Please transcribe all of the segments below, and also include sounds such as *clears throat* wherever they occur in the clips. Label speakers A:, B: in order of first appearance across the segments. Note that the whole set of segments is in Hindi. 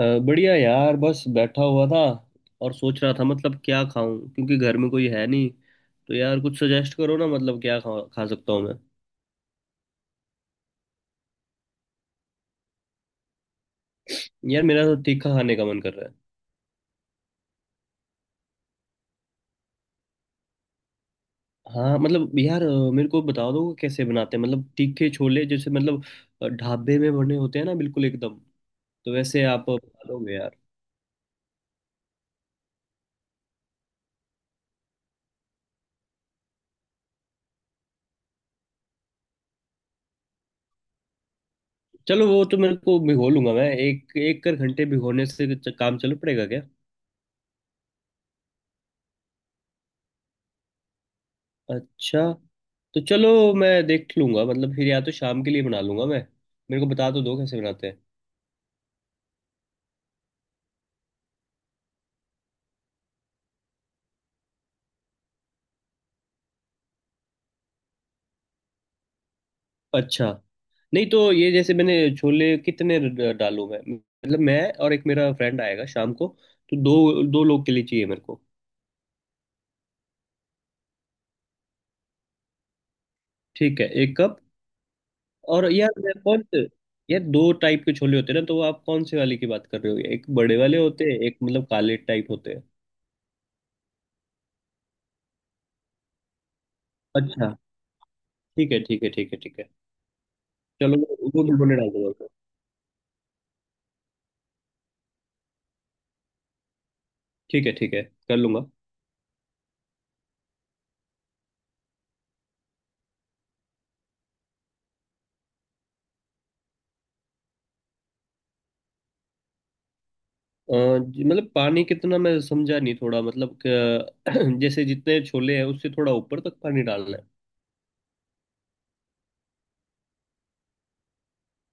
A: बढ़िया यार, बस बैठा हुआ था और सोच रहा था, मतलब क्या खाऊं, क्योंकि घर में कोई है नहीं। तो यार, कुछ सजेस्ट करो ना, मतलब क्या खा खा सकता हूँ मैं। यार, मेरा तो तीखा खाने का मन कर रहा है। हाँ मतलब यार, मेरे को बता दो कैसे बनाते हैं, मतलब तीखे छोले, जैसे मतलब ढाबे में बने होते हैं ना, बिल्कुल एकदम। तो वैसे आप बता दोगे यार। चलो, वो तो मेरे को भिगो लूंगा मैं। एक एक कर घंटे भिगोने से काम चल पड़ेगा क्या? अच्छा। तो चलो, मैं देख लूंगा, मतलब फिर या तो शाम के लिए बना लूंगा मैं। मेरे को बता तो दो कैसे बनाते हैं। अच्छा। नहीं, तो ये जैसे मैंने छोले कितने डालूं मैं, मतलब मैं। और एक मेरा फ्रेंड आएगा शाम को। तो दो दो लोग के लिए चाहिए मेरे को। ठीक है, एक कप। और यार मैं कौन से। यार, दो टाइप के छोले होते हैं ना, तो आप कौन से वाले की बात कर रहे हो? एक बड़े वाले होते हैं, एक मतलब काले टाइप होते हैं। अच्छा। ठीक है, ठीक है, ठीक है, ठीक है। चलो, वो भी मैंने डाल दूंगा उसमें। ठीक है, ठीक है, कर लूंगा। जी, मतलब पानी कितना मैं समझा नहीं, थोड़ा मतलब *clears throat* जैसे जितने छोले हैं उससे थोड़ा ऊपर तक पानी डालना है।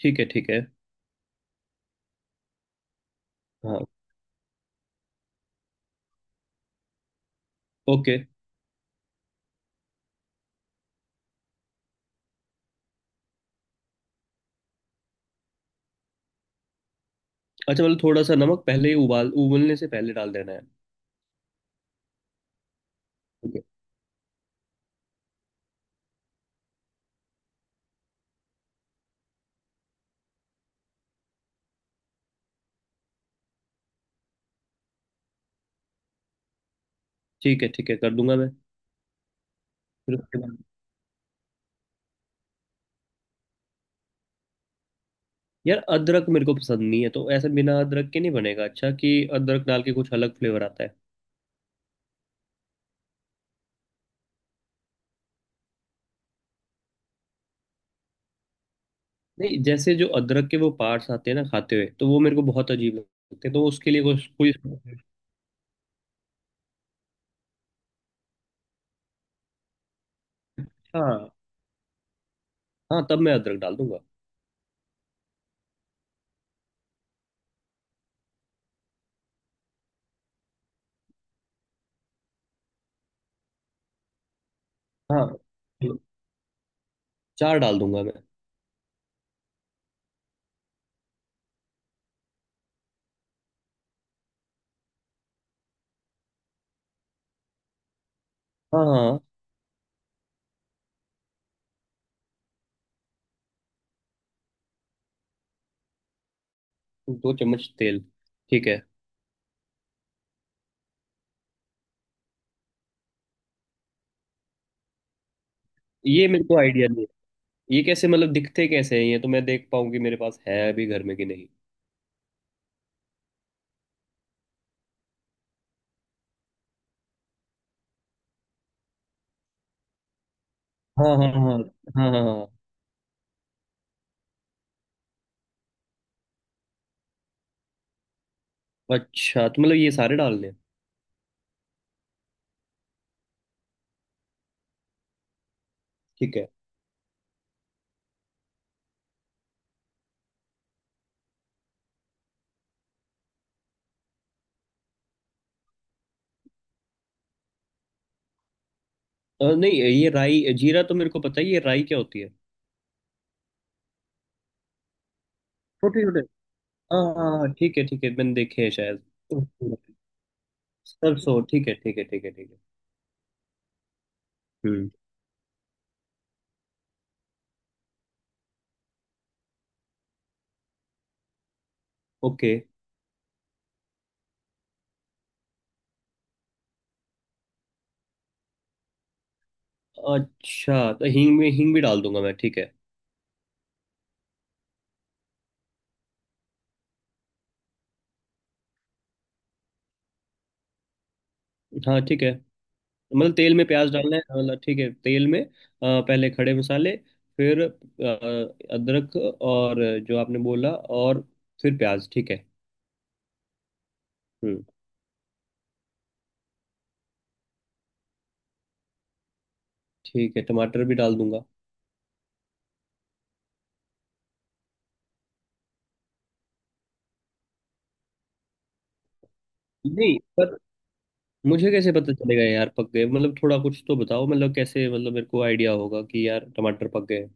A: ठीक है, ठीक है। हाँ। ओके। अच्छा, मतलब थोड़ा सा नमक पहले ही उबाल उबलने से पहले डाल देना है। ठीक है, ठीक है, ठीक है, कर दूंगा मैं। फिर उसके बाद। यार, अदरक मेरे को पसंद नहीं है, तो ऐसे बिना अदरक के नहीं बनेगा? अच्छा, कि अदरक डाल के कुछ अलग फ्लेवर आता है। नहीं, जैसे जो अदरक के वो पार्ट्स आते हैं ना खाते हुए, तो वो मेरे को बहुत अजीब लगते हैं, तो उसके लिए कुछ कोई। हाँ। हाँ, तब मैं अदरक डाल दूंगा। हाँ, चार डाल दूंगा मैं। हाँ, हाँ, हाँ। दो चम्मच तेल। ठीक है। ये मेरे को आइडिया नहीं है। ये कैसे, मतलब दिखते कैसे हैं ये, तो मैं देख पाऊँ कि मेरे पास है अभी घर में कि नहीं। हाँ, हाँ, हाँ। हाँ, हाँ, हाँ। अच्छा, तो मतलब ये सारे डालने हैं। ठीक है। नहीं, ये राई जीरा तो मेरे को पता है, ये राई क्या होती है? छोटे छोटे। हाँ, हाँ, हाँ, ठीक है, ठीक है, मैंने देखे हैं शायद। सरसों, ठीक है, ठीक है, ठीक है, ठीक है। हम्म। ओके। अच्छा, तो हींग में हींग भी डाल दूंगा मैं, ठीक है। हाँ, ठीक है, मतलब तेल में प्याज डालना है, मतलब ठीक है, तेल में पहले खड़े मसाले, फिर अदरक और जो आपने बोला, और फिर प्याज, ठीक है। हम्म। ठीक है, टमाटर भी डाल दूंगा। नहीं, पर मुझे कैसे पता चलेगा यार पक गए, मतलब थोड़ा कुछ तो बताओ, मतलब कैसे, मतलब मेरे को आइडिया होगा कि यार टमाटर पक गए।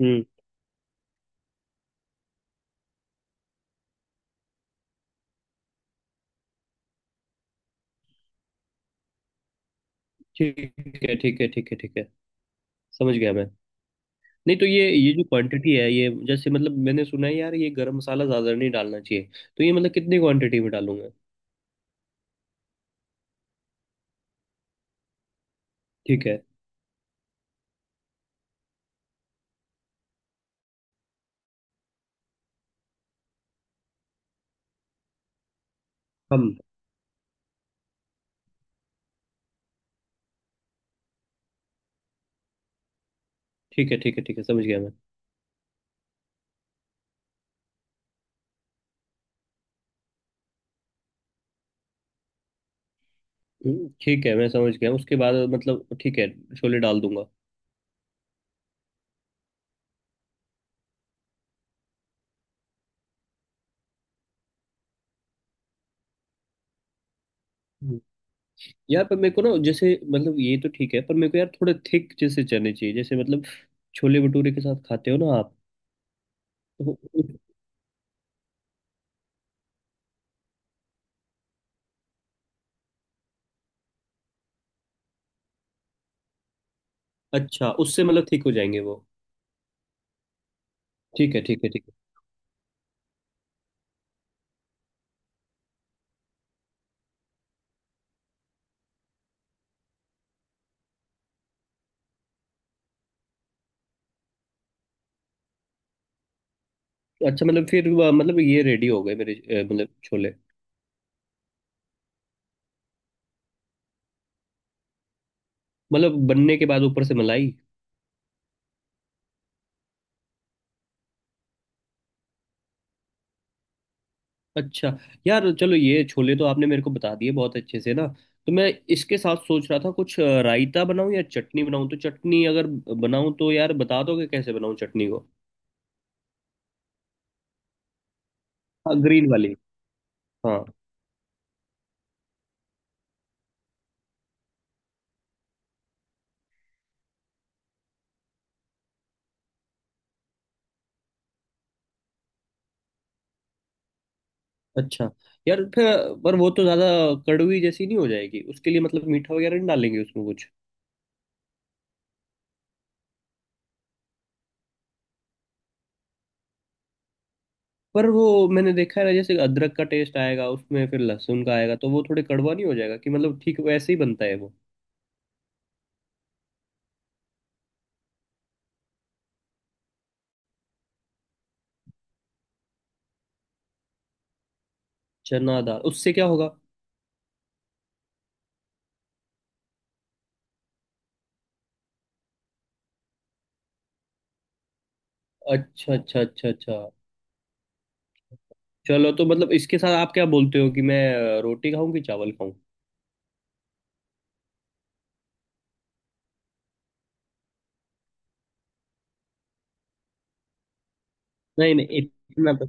A: हम्म, ठीक है, ठीक है, ठीक है, ठीक है, समझ गया मैं। नहीं, तो ये जो क्वांटिटी है, ये जैसे मतलब मैंने सुना है यार, ये गरम मसाला ज्यादा नहीं डालना चाहिए, तो ये मतलब कितनी क्वांटिटी में डालूंगा? ठीक है। कम। ठीक है, ठीक है, ठीक है, समझ गया मैं। ठीक है, मैं समझ गया, उसके बाद मतलब ठीक है, छोले डाल दूंगा। हम्म, यार, पर मेरे को ना, जैसे मतलब ये तो ठीक है, पर मेरे को यार थोड़े थिक जैसे चने चाहिए, जैसे मतलब छोले भटूरे के साथ खाते हो ना आप। तो उ- अच्छा, उससे मतलब ठीक हो जाएंगे वो? ठीक है, ठीक है, ठीक। है अच्छा, मतलब फिर मतलब ये रेडी हो गए मेरे मतलब छोले? मतलब बनने के बाद ऊपर से मलाई? अच्छा। यार चलो, ये छोले तो आपने मेरे को बता दिए बहुत अच्छे से ना, तो मैं इसके साथ सोच रहा था कुछ रायता बनाऊं या चटनी बनाऊं, तो चटनी अगर बनाऊं तो यार बता दोगे कैसे बनाऊं चटनी को? हाँ, ग्रीन वाली। हाँ। अच्छा, यार फिर, पर वो तो ज़्यादा कड़वी जैसी नहीं हो जाएगी? उसके लिए मतलब मीठा वगैरह नहीं डालेंगे उसमें कुछ? पर वो मैंने देखा है ना, जैसे अदरक का टेस्ट आएगा उसमें, फिर लहसुन का आएगा, तो वो थोड़े कड़वा नहीं हो जाएगा? कि मतलब ठीक वैसे ही बनता है वो। चना दाल, उससे क्या होगा? अच्छा, अच्छा, अच्छा, अच्छा। चलो, तो मतलब इसके साथ आप क्या बोलते हो कि मैं रोटी खाऊं कि चावल खाऊं? नहीं, नहीं, इतना तो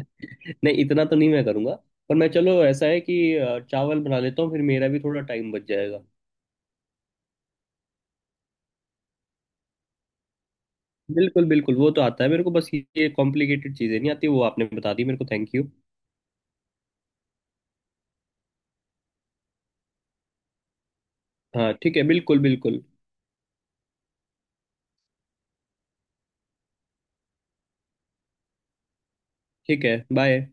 A: *laughs* नहीं, इतना तो नहीं मैं करूंगा। पर मैं चलो, ऐसा है कि चावल बना लेता हूँ, फिर मेरा भी थोड़ा टाइम बच जाएगा। बिल्कुल, बिल्कुल, वो तो आता है मेरे को, बस ये कॉम्प्लिकेटेड चीज़ें नहीं आती, वो आपने बता दी मेरे को, थैंक यू। हाँ, ठीक है, बिल्कुल, बिल्कुल। ठीक है, बाय।